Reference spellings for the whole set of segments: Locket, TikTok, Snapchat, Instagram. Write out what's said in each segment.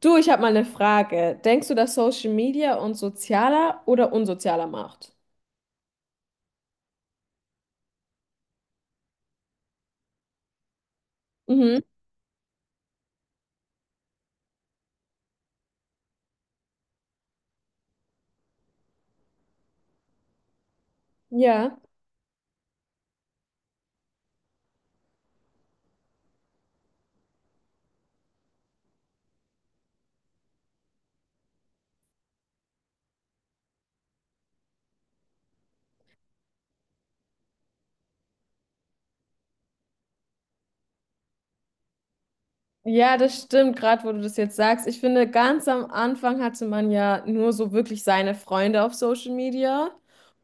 Du, ich habe mal eine Frage. Denkst du, dass Social Media uns sozialer oder unsozialer macht? Mhm. Ja. Ja, das stimmt, gerade wo du das jetzt sagst. Ich finde, ganz am Anfang hatte man ja nur so wirklich seine Freunde auf Social Media.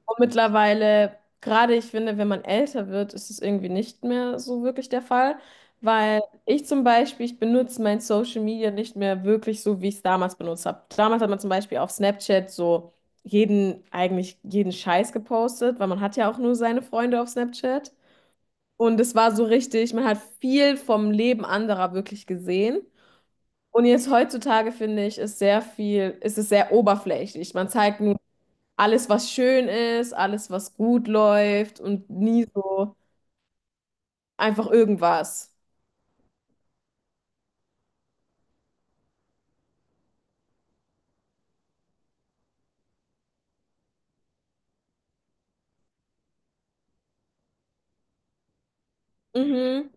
Und mittlerweile, gerade ich finde, wenn man älter wird, ist es irgendwie nicht mehr so wirklich der Fall, weil ich zum Beispiel, ich benutze mein Social Media nicht mehr wirklich so, wie ich es damals benutzt habe. Damals hat man zum Beispiel auf Snapchat so jeden, eigentlich jeden Scheiß gepostet, weil man hat ja auch nur seine Freunde auf Snapchat. Und es war so richtig, man hat viel vom Leben anderer wirklich gesehen. Und jetzt heutzutage finde ich, ist sehr viel, ist es sehr oberflächlich. Man zeigt nur alles, was schön ist, alles, was gut läuft und nie so einfach irgendwas. Mhm.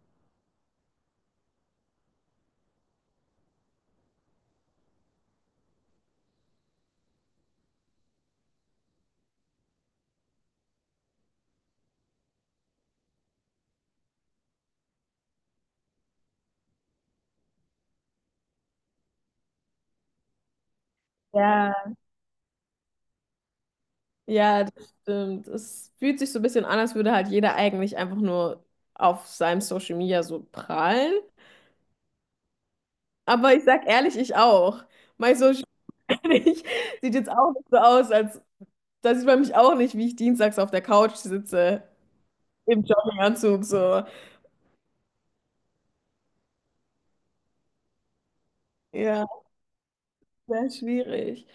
Ja. Ja, das stimmt. Es fühlt sich so ein bisschen an, als würde halt jeder eigentlich einfach nur auf seinem Social Media so prahlen. Aber ich sag ehrlich, ich auch. Mein Social Media sieht jetzt auch nicht so aus, als da sieht man mich auch nicht, wie ich dienstags auf der Couch sitze im Jogginganzug so. Ja. Sehr schwierig.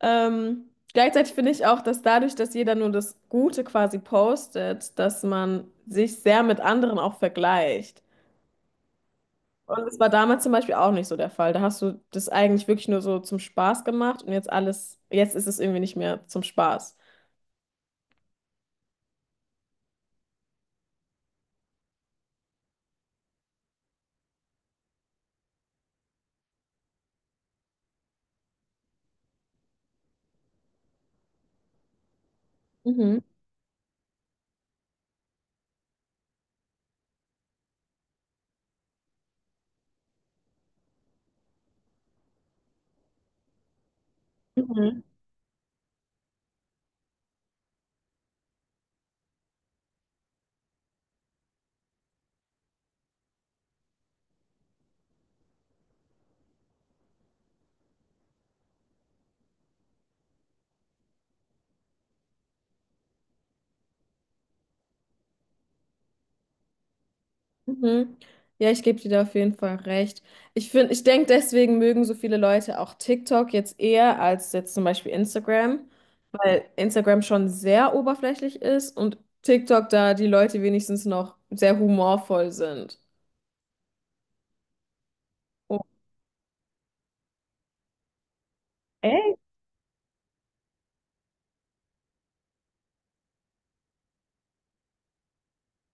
Gleichzeitig finde ich auch, dass dadurch, dass jeder nur das Gute quasi postet, dass man sich sehr mit anderen auch vergleicht. Und das war damals zum Beispiel auch nicht so der Fall. Da hast du das eigentlich wirklich nur so zum Spaß gemacht und jetzt alles, jetzt ist es irgendwie nicht mehr zum Spaß. Mhm. Mhm. Mhm. Ja, ich gebe dir da auf jeden Fall recht. Ich finde, ich denke, deswegen mögen so viele Leute auch TikTok jetzt eher als jetzt zum Beispiel Instagram. Weil Instagram schon sehr oberflächlich ist und TikTok da die Leute wenigstens noch sehr humorvoll sind. Oh, echt?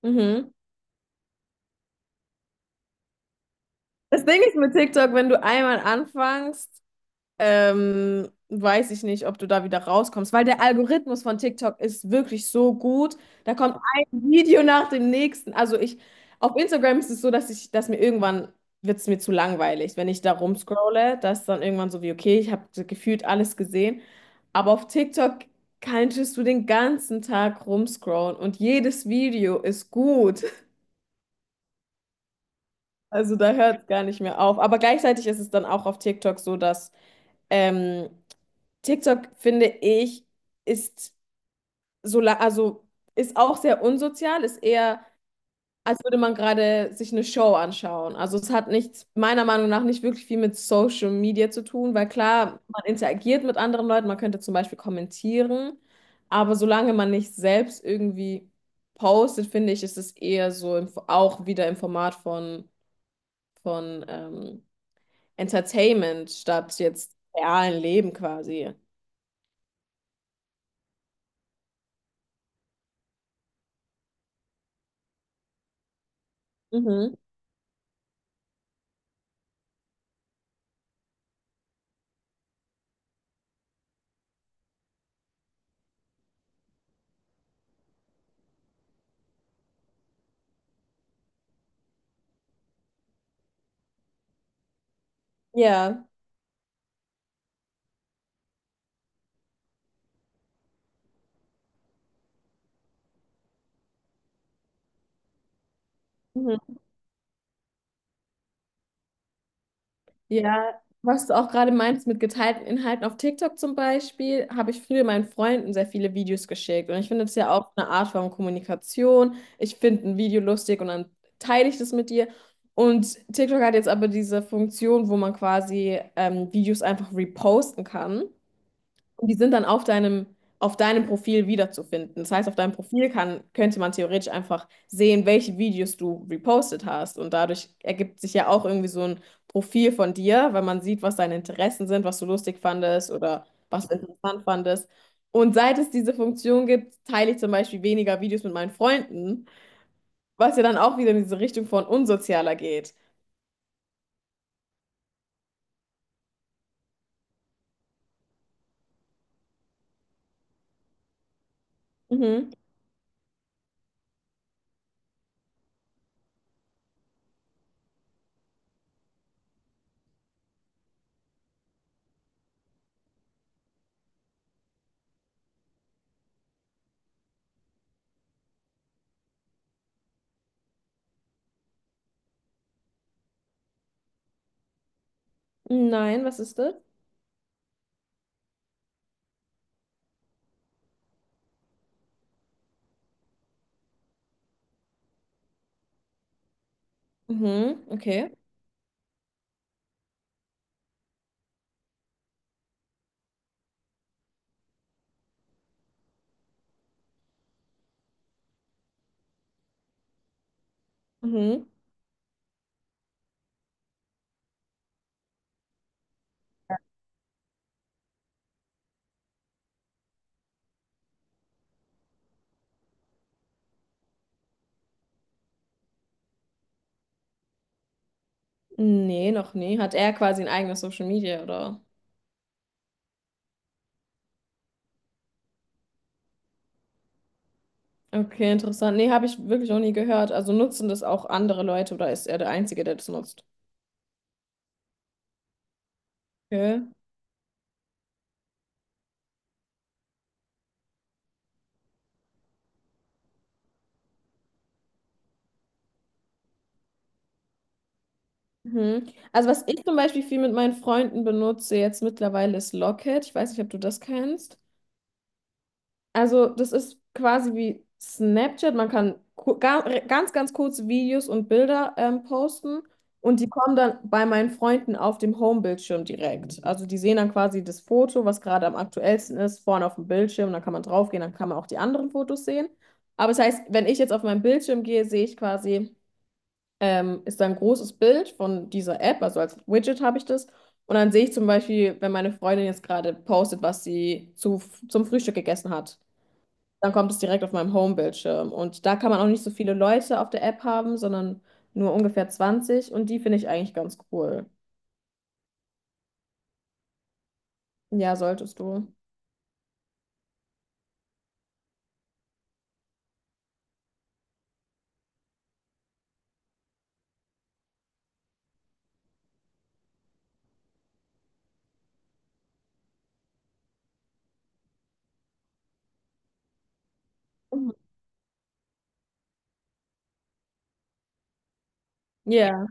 Mhm. Das Ding ist mit TikTok, wenn du einmal anfängst, weiß ich nicht, ob du da wieder rauskommst, weil der Algorithmus von TikTok ist wirklich so gut. Da kommt ein Video nach dem nächsten. Also ich, auf Instagram ist es so, dass ich, dass mir irgendwann wird es mir zu langweilig, wenn ich da rumscrolle, dass dann irgendwann so wie, okay, ich habe gefühlt alles gesehen. Aber auf TikTok kannst du den ganzen Tag rumscrollen und jedes Video ist gut. Also da hört es gar nicht mehr auf. Aber gleichzeitig ist es dann auch auf TikTok so, dass ähm, TikTok, finde ich, ist so, also ist auch sehr unsozial, ist eher, als würde man gerade sich eine Show anschauen. Also es hat nichts, meiner Meinung nach, nicht wirklich viel mit Social Media zu tun, weil klar, man interagiert mit anderen Leuten, man könnte zum Beispiel kommentieren, aber solange man nicht selbst irgendwie postet, finde ich, ist es eher so im, auch wieder im Format von Entertainment statt jetzt realen Leben quasi. Mhm. Ja. Mhm. Ja, was du auch gerade meinst mit geteilten Inhalten auf TikTok zum Beispiel, habe ich früher meinen Freunden sehr viele Videos geschickt. Und ich finde das ja auch eine Art von Kommunikation. Ich finde ein Video lustig und dann teile ich das mit dir. Und TikTok hat jetzt aber diese Funktion, wo man quasi Videos einfach reposten kann. Und die sind dann auf deinem Profil wiederzufinden. Das heißt, auf deinem Profil kann, könnte man theoretisch einfach sehen, welche Videos du repostet hast. Und dadurch ergibt sich ja auch irgendwie so ein Profil von dir, weil man sieht, was deine Interessen sind, was du lustig fandest oder was du interessant fandest. Und seit es diese Funktion gibt, teile ich zum Beispiel weniger Videos mit meinen Freunden, was ja dann auch wieder in diese Richtung von unsozialer geht. Mhm. Nein, was ist das? Mhm, okay. Mhm. Nee, noch nie. Hat er quasi ein eigenes Social Media, oder? Okay, interessant. Nee, habe ich wirklich noch nie gehört. Also nutzen das auch andere Leute oder ist er der Einzige, der das nutzt? Okay. Mhm. Also was ich zum Beispiel viel mit meinen Freunden benutze jetzt mittlerweile ist Locket. Ich weiß nicht, ob du das kennst. Also, das ist quasi wie Snapchat. Man kann ganz, ganz kurze Videos und Bilder posten und die kommen dann bei meinen Freunden auf dem Homebildschirm direkt. Also, die sehen dann quasi das Foto, was gerade am aktuellsten ist, vorne auf dem Bildschirm. Dann kann man draufgehen, dann kann man auch die anderen Fotos sehen. Aber das heißt, wenn ich jetzt auf meinen Bildschirm gehe, sehe ich quasi, ist da ein großes Bild von dieser App, also als Widget habe ich das. Und dann sehe ich zum Beispiel, wenn meine Freundin jetzt gerade postet, was sie zu, zum Frühstück gegessen hat. Dann kommt es direkt auf meinem Home-Bildschirm. Und da kann man auch nicht so viele Leute auf der App haben, sondern nur ungefähr 20. Und die finde ich eigentlich ganz cool. Ja, solltest du. Mhm. Ja,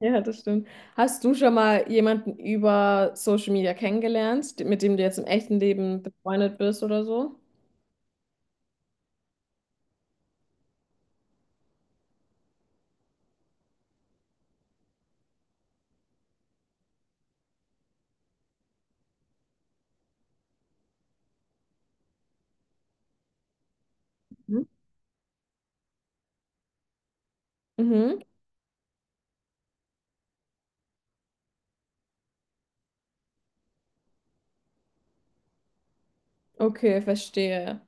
ja, das stimmt. Hast du schon mal jemanden über Social Media kennengelernt, mit dem du jetzt im echten Leben befreundet bist oder so? Mhm. Mhm. Okay, verstehe.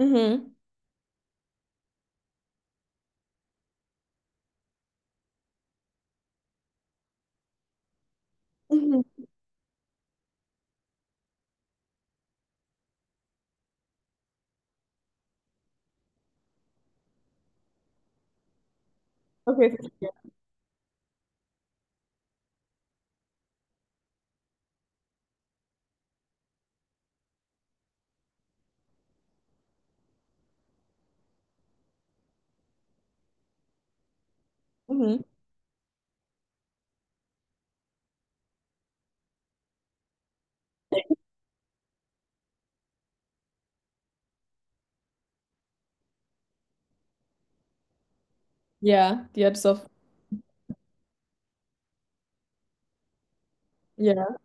Mhm. Mhm. Okay. Mhm. Ja, die hat es auf. Ja.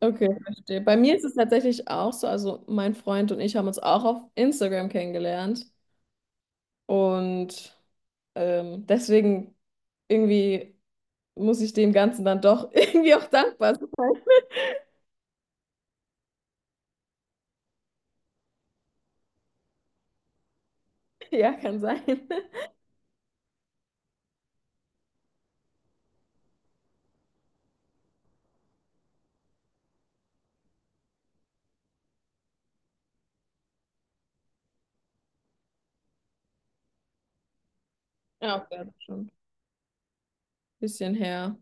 Okay, verstehe. Bei mir ist es tatsächlich auch so, also mein Freund und ich haben uns auch auf Instagram kennengelernt und deswegen irgendwie muss ich dem Ganzen dann doch irgendwie auch dankbar sein. Ja, kann sein. Ja, okay, das ist schon ein bisschen her.